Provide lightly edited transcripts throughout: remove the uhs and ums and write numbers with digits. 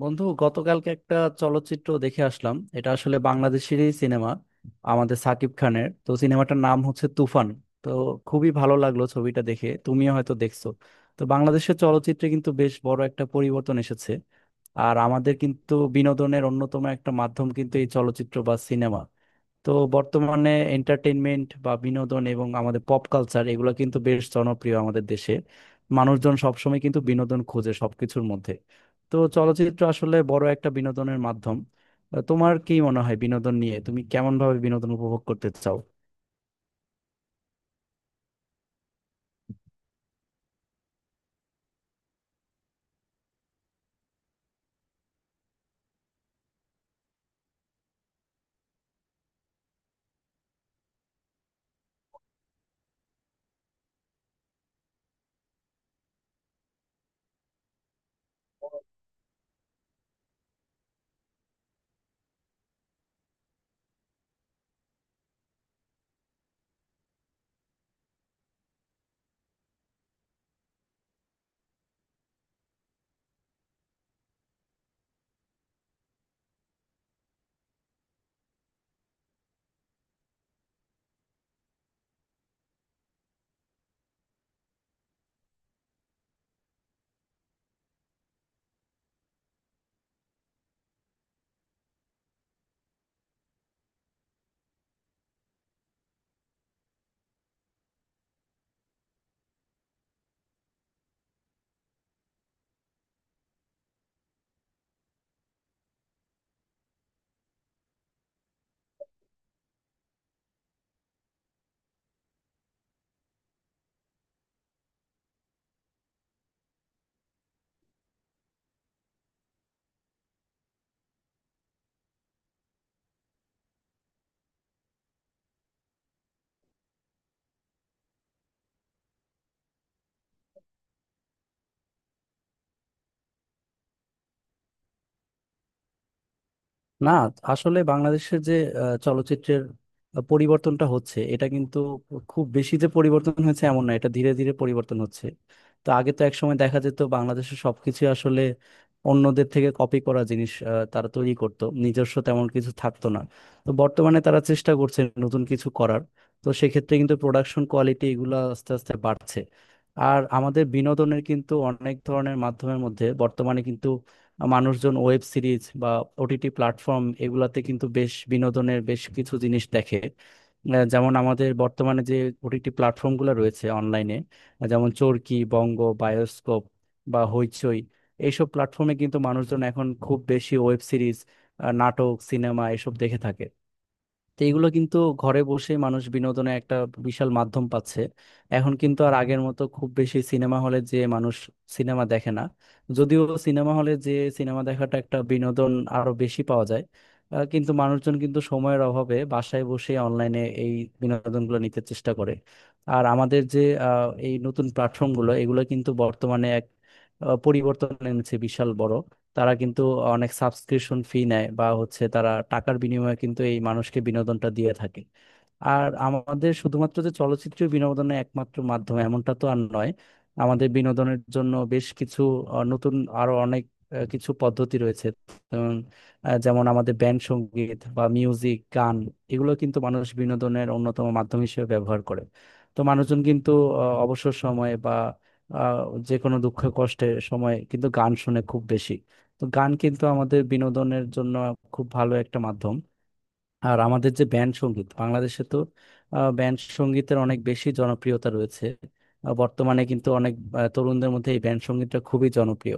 বন্ধু গতকালকে একটা চলচ্চিত্র দেখে আসলাম। এটা আসলে বাংলাদেশেরই সিনেমা, আমাদের সাকিব খানের। তো সিনেমাটার নাম হচ্ছে তুফান। তো খুবই ভালো লাগলো ছবিটা দেখে, তুমিও হয়তো দেখছো। তো বাংলাদেশের চলচ্চিত্রে কিন্তু বেশ বড় একটা পরিবর্তন এসেছে। আর আমাদের কিন্তু বিনোদনের অন্যতম একটা মাধ্যম কিন্তু এই চলচ্চিত্র বা সিনেমা। তো বর্তমানে এন্টারটেইনমেন্ট বা বিনোদন এবং আমাদের পপ কালচার এগুলো কিন্তু বেশ জনপ্রিয় আমাদের দেশে। মানুষজন সবসময় কিন্তু বিনোদন খোঁজে সবকিছুর মধ্যে। তো চলচ্চিত্র আসলে বড় একটা বিনোদনের মাধ্যম। তোমার কি মনে হয় বিনোদন নিয়ে? তুমি কেমন ভাবে বিনোদন উপভোগ করতে চাও? না, আসলে বাংলাদেশের যে চলচ্চিত্রের পরিবর্তনটা হচ্ছে, এটা কিন্তু খুব বেশি যে পরিবর্তন হয়েছে এমন না, এটা ধীরে ধীরে পরিবর্তন হচ্ছে। তো আগে তো একসময় দেখা যেত বাংলাদেশের সবকিছু আসলে অন্যদের থেকে কপি করা জিনিস, তারা তৈরি করত, নিজস্ব তেমন কিছু থাকতো না। তো বর্তমানে তারা চেষ্টা করছে নতুন কিছু করার। তো সেক্ষেত্রে কিন্তু প্রোডাকশন কোয়ালিটি এগুলো আস্তে আস্তে বাড়ছে। আর আমাদের বিনোদনের কিন্তু অনেক ধরনের মাধ্যমের মধ্যে বর্তমানে কিন্তু মানুষজন ওয়েব সিরিজ বা ওটিটি প্ল্যাটফর্ম এগুলাতে কিন্তু বেশ বিনোদনের বেশ কিছু জিনিস দেখে। যেমন আমাদের বর্তমানে যে ওটিটি প্ল্যাটফর্মগুলো রয়েছে অনলাইনে, যেমন চরকি, বঙ্গ, বায়োস্কোপ বা হইচই। এইসব প্ল্যাটফর্মে কিন্তু মানুষজন এখন খুব বেশি ওয়েব সিরিজ, নাটক, সিনেমা এসব দেখে থাকে। তো এগুলো কিন্তু ঘরে বসে মানুষ বিনোদনের একটা বিশাল মাধ্যম পাচ্ছে। এখন কিন্তু আর আগের মতো খুব বেশি সিনেমা হলে যে মানুষ সিনেমা দেখে না। যদিও সিনেমা হলে যে সিনেমা দেখাটা, একটা বিনোদন আরো বেশি পাওয়া যায়। কিন্তু মানুষজন কিন্তু সময়ের অভাবে বাসায় বসে অনলাইনে এই বিনোদনগুলো নিতে চেষ্টা করে। আর আমাদের যে এই নতুন প্ল্যাটফর্মগুলো, এগুলো কিন্তু বর্তমানে এক পরিবর্তন এনেছে, বিশাল বড়। তারা কিন্তু অনেক সাবস্ক্রিপশন ফি নেয়, বা হচ্ছে তারা টাকার বিনিময়ে কিন্তু এই মানুষকে বিনোদনটা দিয়ে থাকে। আর আমাদের শুধুমাত্র যে চলচ্চিত্র বিনোদনের একমাত্র মাধ্যম, এমনটা তো আর নয়। আমাদের বিনোদনের জন্য বেশ কিছু নতুন, আরো অনেক কিছু পদ্ধতি রয়েছে। যেমন যেমন আমাদের ব্যান্ড সঙ্গীত বা মিউজিক, গান, এগুলো কিন্তু মানুষ বিনোদনের অন্যতম মাধ্যম হিসেবে ব্যবহার করে। তো মানুষজন কিন্তু অবসর সময়ে বা আহ, যে কোনো দুঃখ কষ্টের সময় কিন্তু গান শুনে খুব বেশি। তো গান কিন্তু আমাদের বিনোদনের জন্য খুব ভালো একটা মাধ্যম। আর আমাদের যে ব্যান্ড সঙ্গীত, বাংলাদেশে তো ব্যান্ড সঙ্গীতের অনেক বেশি জনপ্রিয়তা রয়েছে। বর্তমানে কিন্তু অনেক তরুণদের মধ্যে এই ব্যান্ড সঙ্গীতটা খুবই জনপ্রিয়।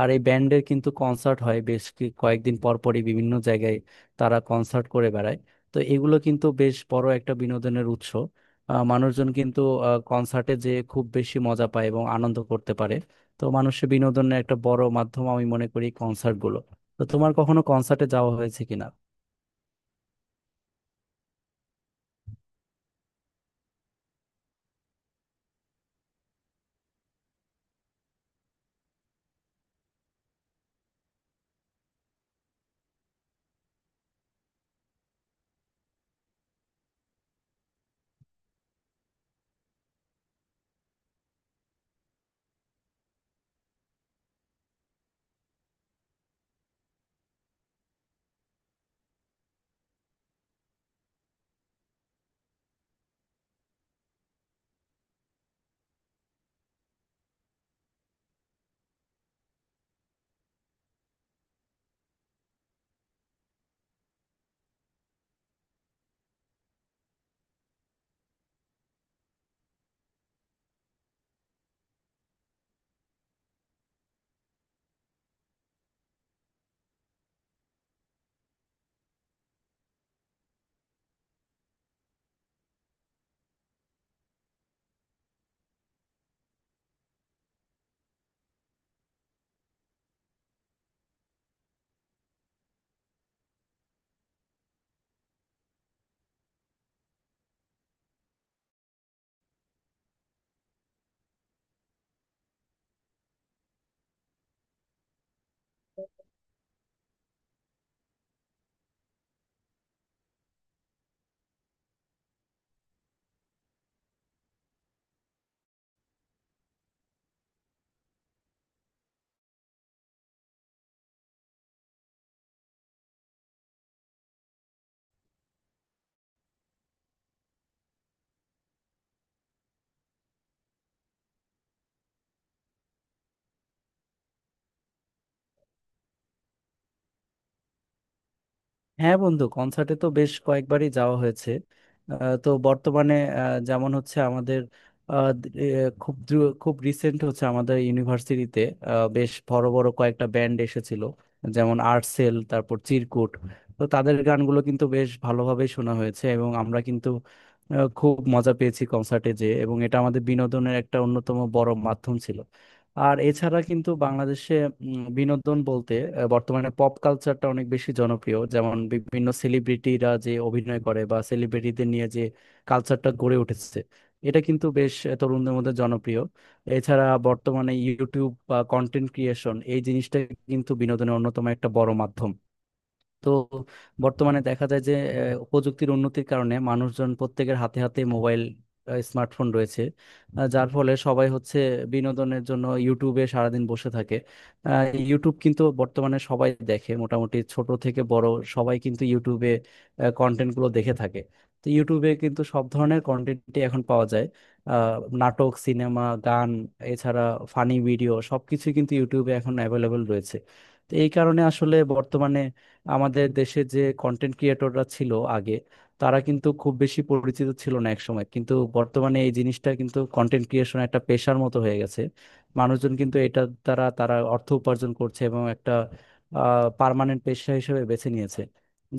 আর এই ব্যান্ডের কিন্তু কনসার্ট হয় বেশ কয়েকদিন পর পরই বিভিন্ন জায়গায়, তারা কনসার্ট করে বেড়ায়। তো এগুলো কিন্তু বেশ বড় একটা বিনোদনের উৎস। মানুষজন কিন্তু কনসার্টে যেয়ে খুব বেশি মজা পায় এবং আনন্দ করতে পারে। তো মানুষের বিনোদনের একটা বড় মাধ্যম আমি মনে করি কনসার্টগুলো। তো তোমার কখনো কনসার্টে যাওয়া হয়েছে কিনা? হ্যাঁ বন্ধু, কনসার্টে তো বেশ কয়েকবারই যাওয়া হয়েছে। তো বর্তমানে যেমন হচ্ছে আমাদের আহ, দ- এ, খুব রিসেন্ট হচ্ছে আমাদের ইউনিভার্সিটিতে বেশ বড় বড় কয়েকটা ব্যান্ড এসেছিল, যেমন আর্টসেল, তারপর চিরকুট। তো তাদের গানগুলো কিন্তু বেশ ভালোভাবে শোনা হয়েছে এবং আমরা কিন্তু খুব মজা পেয়েছি কনসার্টে যে, এবং এটা আমাদের বিনোদনের একটা অন্যতম বড় মাধ্যম ছিল। আর এছাড়া কিন্তু বাংলাদেশে বিনোদন বলতে বর্তমানে পপ কালচারটা অনেক বেশি জনপ্রিয়, যেমন বিভিন্ন সেলিব্রিটিরা যে অভিনয় করে বা সেলিব্রিটিদের নিয়ে যে কালচারটা গড়ে উঠেছে, এটা কিন্তু বেশ তরুণদের মধ্যে জনপ্রিয়। এছাড়া বর্তমানে ইউটিউব বা কন্টেন্ট ক্রিয়েশন, এই জিনিসটা কিন্তু বিনোদনের অন্যতম একটা বড় মাধ্যম। তো বর্তমানে দেখা যায় যে প্রযুক্তির উন্নতির কারণে মানুষজন প্রত্যেকের হাতে হাতে মোবাইল, স্মার্টফোন রয়েছে। যার ফলে সবাই হচ্ছে বিনোদনের জন্য ইউটিউবে সারাদিন বসে থাকে। আহ, ইউটিউব কিন্তু বর্তমানে সবাই দেখে, মোটামুটি ছোট থেকে বড় সবাই কিন্তু ইউটিউবে কন্টেন্টগুলো দেখে থাকে। তো ইউটিউবে কিন্তু সব ধরনের কন্টেন্টই এখন পাওয়া যায়, নাটক, সিনেমা, গান, এছাড়া ফানি ভিডিও সবকিছু কিন্তু ইউটিউবে এখন অ্যাভেলেবল রয়েছে। তো এই কারণে আসলে বর্তমানে আমাদের দেশে যে কন্টেন্ট ক্রিয়েটররা ছিল আগে, তারা কিন্তু খুব বেশি পরিচিত ছিল না একসময়, কিন্তু বর্তমানে এই জিনিসটা কিন্তু, কন্টেন্ট ক্রিয়েশন একটা পেশার মতো হয়ে গেছে। মানুষজন কিন্তু এটা দ্বারা তারা অর্থ উপার্জন করছে এবং একটা পার্মানেন্ট পেশা হিসেবে বেছে নিয়েছে।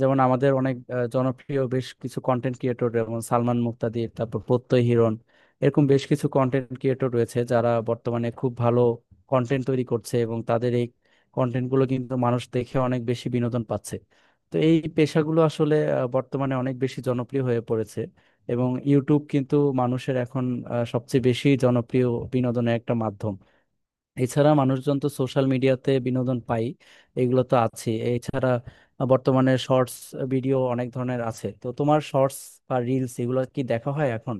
যেমন আমাদের অনেক জনপ্রিয় বেশ কিছু কন্টেন্ট ক্রিয়েটর, যেমন সালমান মুক্তাদির, তারপর প্রত্যয় হিরণ, এরকম বেশ কিছু কন্টেন্ট ক্রিয়েটর রয়েছে যারা বর্তমানে খুব ভালো কন্টেন্ট তৈরি করছে এবং তাদের এই কন্টেন্ট গুলো কিন্তু মানুষ দেখে অনেক বেশি বিনোদন পাচ্ছে। তো এই পেশাগুলো আসলে বর্তমানে অনেক বেশি জনপ্রিয় হয়ে পড়েছে এবং ইউটিউব কিন্তু মানুষের এখন সবচেয়ে বেশি জনপ্রিয় বিনোদনের একটা মাধ্যম। এছাড়া মানুষজন তো সোশ্যাল মিডিয়াতে বিনোদন পাই, এগুলো তো আছে। এছাড়া বর্তমানে শর্টস ভিডিও অনেক ধরনের আছে। তো তোমার শর্টস বা রিলস এগুলো কি দেখা হয় এখন?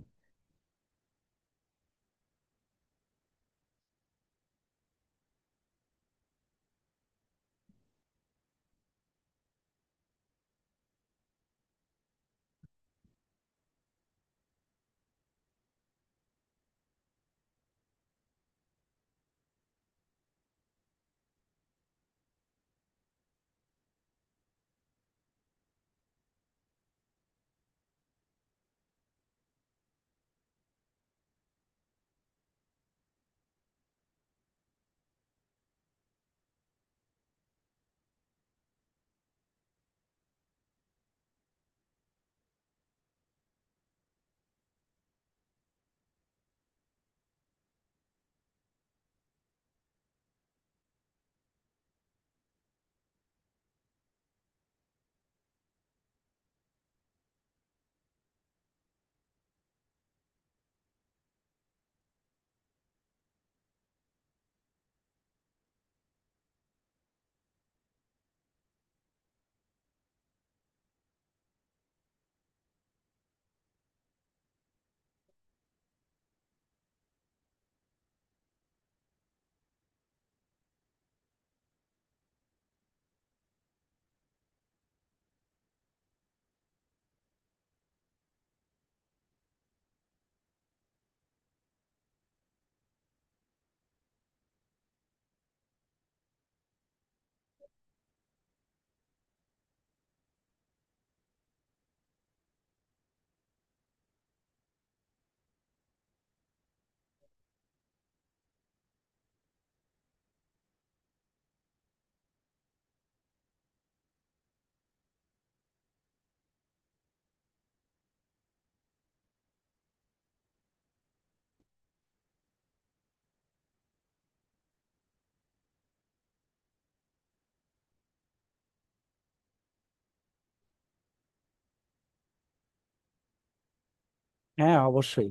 হ্যাঁ অবশ্যই।